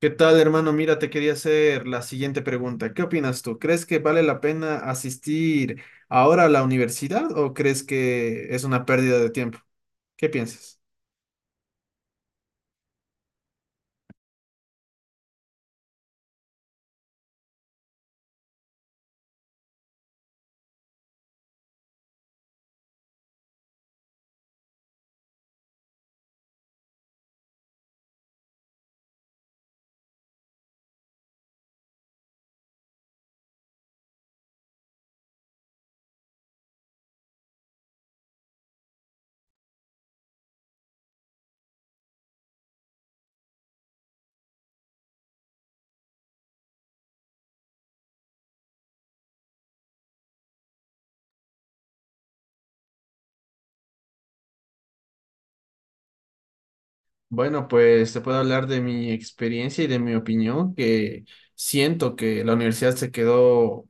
¿Qué tal, hermano? Mira, te quería hacer la siguiente pregunta. ¿Qué opinas tú? ¿Crees que vale la pena asistir ahora a la universidad o crees que es una pérdida de tiempo? ¿Qué piensas? Bueno, pues te puedo hablar de mi experiencia y de mi opinión, que siento que la universidad se quedó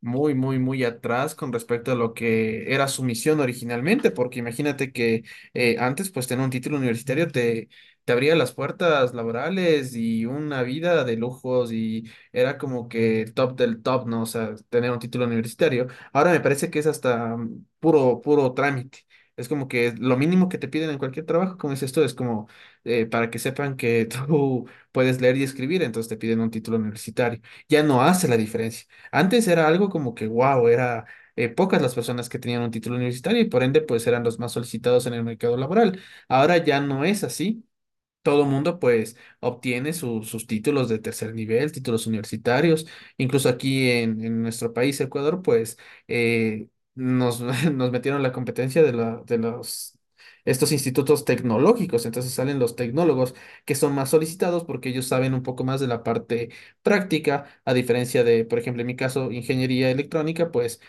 muy, muy, muy atrás con respecto a lo que era su misión originalmente, porque imagínate que antes pues tener un título universitario te abría las puertas laborales y una vida de lujos y era como que el top del top, ¿no? O sea, tener un título universitario. Ahora me parece que es hasta puro trámite. Es como que lo mínimo que te piden en cualquier trabajo, como dices tú, es como para que sepan que tú puedes leer y escribir, entonces te piden un título universitario. Ya no hace la diferencia. Antes era algo como que wow, era pocas las personas que tenían un título universitario y por ende pues eran los más solicitados en el mercado laboral. Ahora ya no es así. Todo mundo pues obtiene sus títulos de tercer nivel, títulos universitarios. Incluso aquí en nuestro país, Ecuador, pues eh, nos, nos metieron la competencia de los... estos institutos tecnológicos, entonces salen los tecnólogos que son más solicitados porque ellos saben un poco más de la parte práctica, a diferencia de, por ejemplo, en mi caso, ingeniería electrónica, pues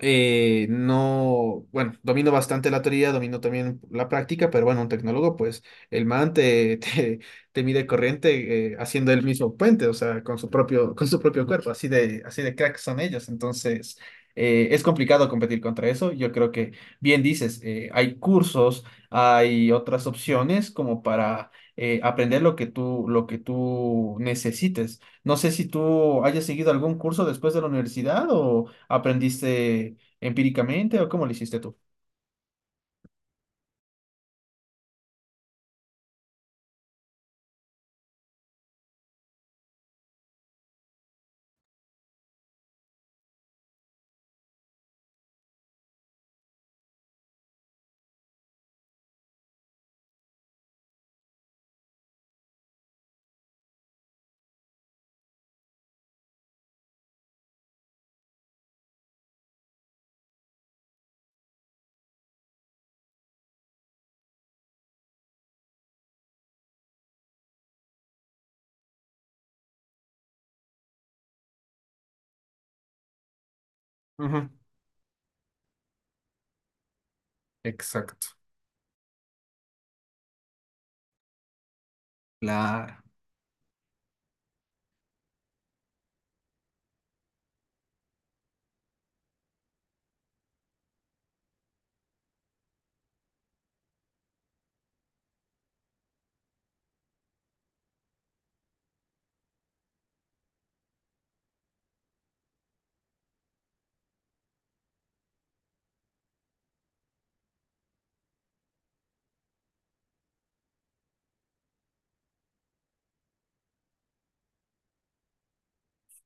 no, bueno, domino bastante la teoría, domino también la práctica, pero bueno, un tecnólogo, pues el man te mide corriente haciendo el mismo puente, o sea, con su propio cuerpo, así de crack son ellos. Entonces, es complicado competir contra eso. Yo creo que, bien dices, hay cursos, hay otras opciones como para aprender lo que tú necesites. No sé si tú hayas seguido algún curso después de la universidad o... ¿Aprendiste empíricamente o cómo lo hiciste tú? Ujú. Exacto. Claro.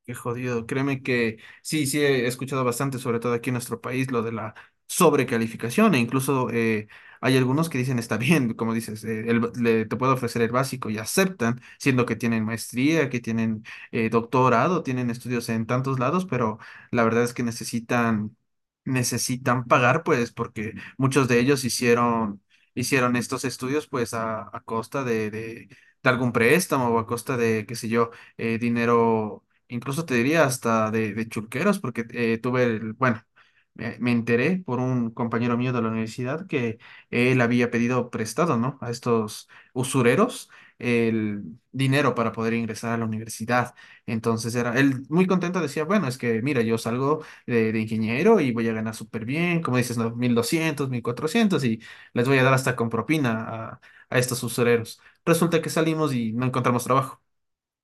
Qué jodido. Créeme que sí, sí he escuchado bastante, sobre todo aquí en nuestro país, lo de la sobrecalificación e incluso hay algunos que dicen está bien, como dices, el te puedo ofrecer el básico y aceptan, siendo que tienen maestría, que tienen doctorado, tienen estudios en tantos lados, pero la verdad es que necesitan pagar, pues, porque muchos de ellos hicieron estos estudios, pues, a costa de de algún préstamo o a costa de, qué sé yo, dinero, incluso te diría hasta de chulqueros, porque tuve el, bueno, me enteré por un compañero mío de la universidad que él había pedido prestado, ¿no? A estos usureros el dinero para poder ingresar a la universidad. Entonces era, él muy contento decía, bueno, es que mira, yo salgo de ingeniero y voy a ganar súper bien, como dices, ¿no? 1.200, 1.400, y les voy a dar hasta con propina a estos usureros. Resulta que salimos y no encontramos trabajo.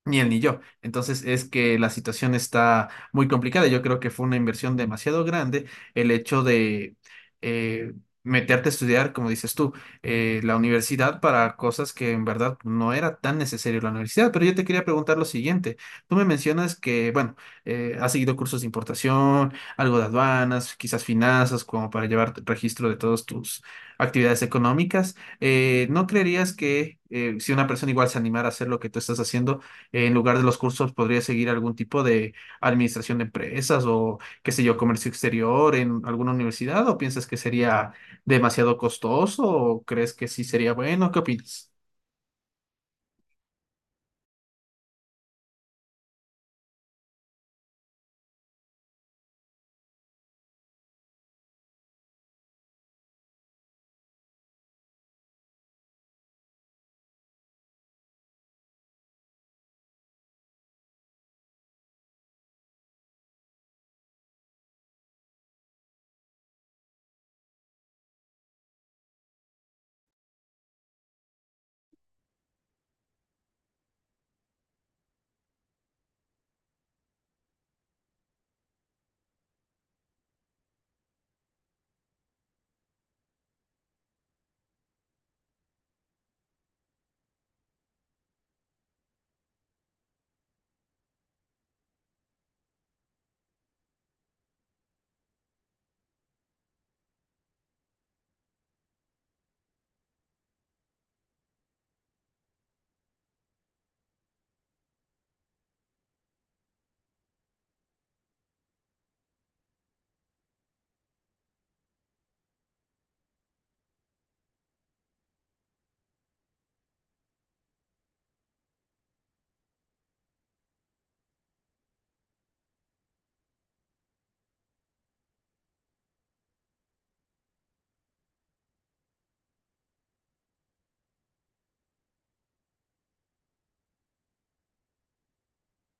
Ni él ni yo. Entonces es que la situación está muy complicada. Yo creo que fue una inversión demasiado grande el hecho de eh, meterte a estudiar, como dices tú, la universidad para cosas que en verdad no era tan necesario la universidad. Pero yo te quería preguntar lo siguiente. Tú me mencionas que, bueno, has seguido cursos de importación, algo de aduanas, quizás finanzas, como para llevar registro de todas tus actividades económicas. No creerías que, si una persona igual se animara a hacer lo que tú estás haciendo, en lugar de los cursos, podría seguir algún tipo de administración de empresas o, qué sé yo, comercio exterior en alguna universidad, o piensas que sería demasiado costoso, o crees que sí sería bueno? ¿Qué opinas?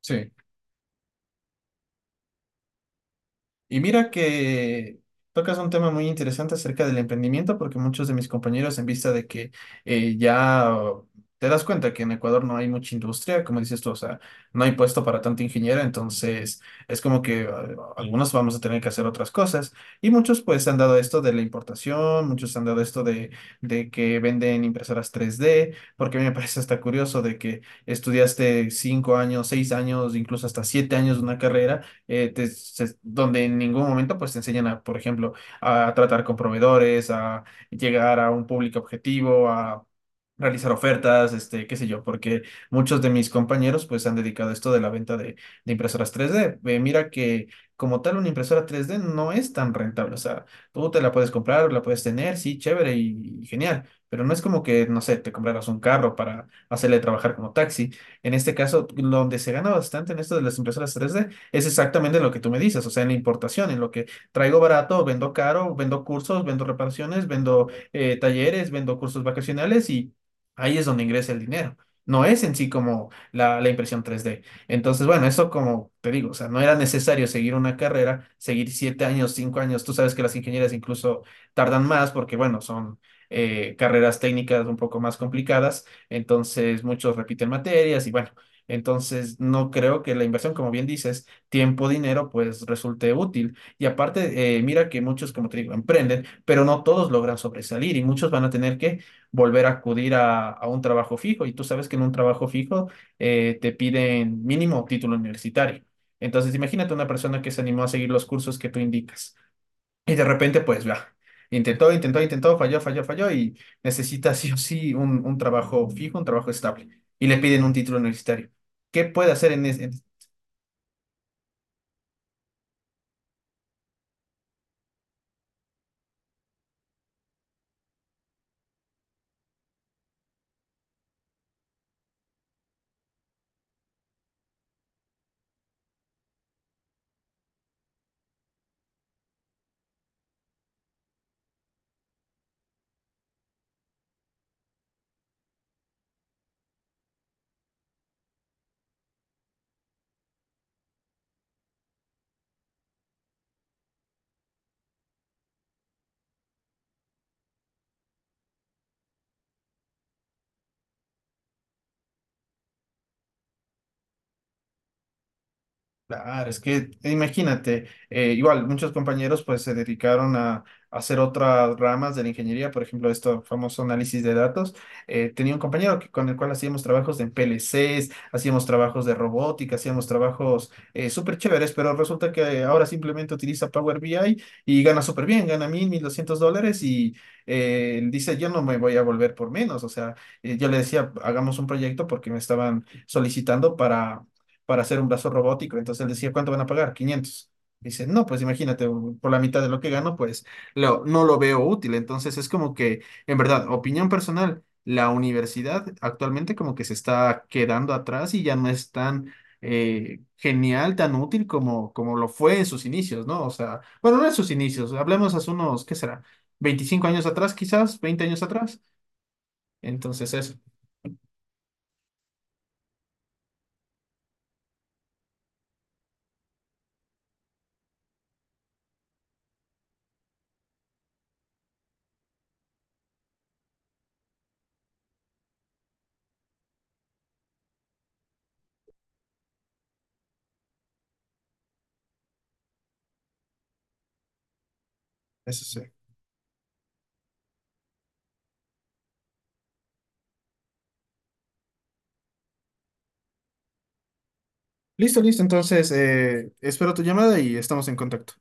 Sí. Y mira que tocas un tema muy interesante acerca del emprendimiento, porque muchos de mis compañeros, en vista de que ya oh, te das cuenta que en Ecuador no hay mucha industria, como dices tú, o sea, no hay puesto para tanta ingeniera, entonces es como que algunos vamos a tener que hacer otras cosas. Y muchos pues han dado esto de la importación, muchos han dado esto de que venden impresoras 3D, porque a mí me parece hasta curioso de que estudiaste 5 años, 6 años, incluso hasta 7 años de una carrera, donde en ningún momento pues te enseñan a, por ejemplo, a tratar con proveedores, a llegar a un público objetivo, a realizar ofertas, este, qué sé yo, porque muchos de mis compañeros pues se han dedicado a esto de la venta de impresoras 3D. Mira que como tal una impresora 3D no es tan rentable, o sea, tú te la puedes comprar, la puedes tener, sí, chévere y genial, pero no es como que, no sé, te compraras un carro para hacerle trabajar como taxi. En este caso, donde se gana bastante en esto de las impresoras 3D es exactamente lo que tú me dices, o sea, en la importación, en lo que traigo barato, vendo caro, vendo cursos, vendo reparaciones, vendo talleres, vendo cursos vacacionales, y ahí es donde ingresa el dinero. No es en sí como la impresión 3D. Entonces, bueno, eso como te digo, o sea, no era necesario seguir una carrera, seguir 7 años, 5 años. Tú sabes que las ingenierías incluso tardan más porque, bueno, son carreras técnicas un poco más complicadas. Entonces, muchos repiten materias y bueno, entonces no creo que la inversión, como bien dices, tiempo, dinero, pues resulte útil. Y aparte, mira que muchos, como te digo, emprenden, pero no todos logran sobresalir y muchos van a tener que volver a acudir a un trabajo fijo. Y tú sabes que en un trabajo fijo te piden mínimo título universitario. Entonces, imagínate una persona que se animó a seguir los cursos que tú indicas y de repente, pues, va. Intentó, intentó, intentó, falló, falló, falló y necesita sí o sí un trabajo fijo, un trabajo estable, y le piden un título universitario. ¿Qué puede hacer en, ese- Claro, es que imagínate, igual muchos compañeros pues se dedicaron a hacer otras ramas de la ingeniería, por ejemplo, esto famoso análisis de datos. Tenía un compañero que- con el cual hacíamos trabajos en PLCs, hacíamos trabajos de robótica, hacíamos trabajos súper chéveres, pero resulta que ahora simplemente utiliza Power BI y gana súper bien, gana $1.200, y él dice, yo no me voy a volver por menos. O sea, yo le decía, hagamos un proyecto porque me estaban solicitando para hacer un brazo robótico. Entonces él decía, ¿cuánto van a pagar? 500. Dice, no, pues imagínate, por la mitad de lo que gano, pues no lo veo útil. Entonces es como que, en verdad, opinión personal, la universidad actualmente como que se está quedando atrás y ya no es tan genial, tan útil como, como lo fue en sus inicios, ¿no? O sea, bueno, no en sus inicios, hablemos hace unos, ¿qué será? 25 años atrás, quizás, 20 años atrás. Entonces eso sí. Listo, listo. Entonces, espero tu llamada y estamos en contacto.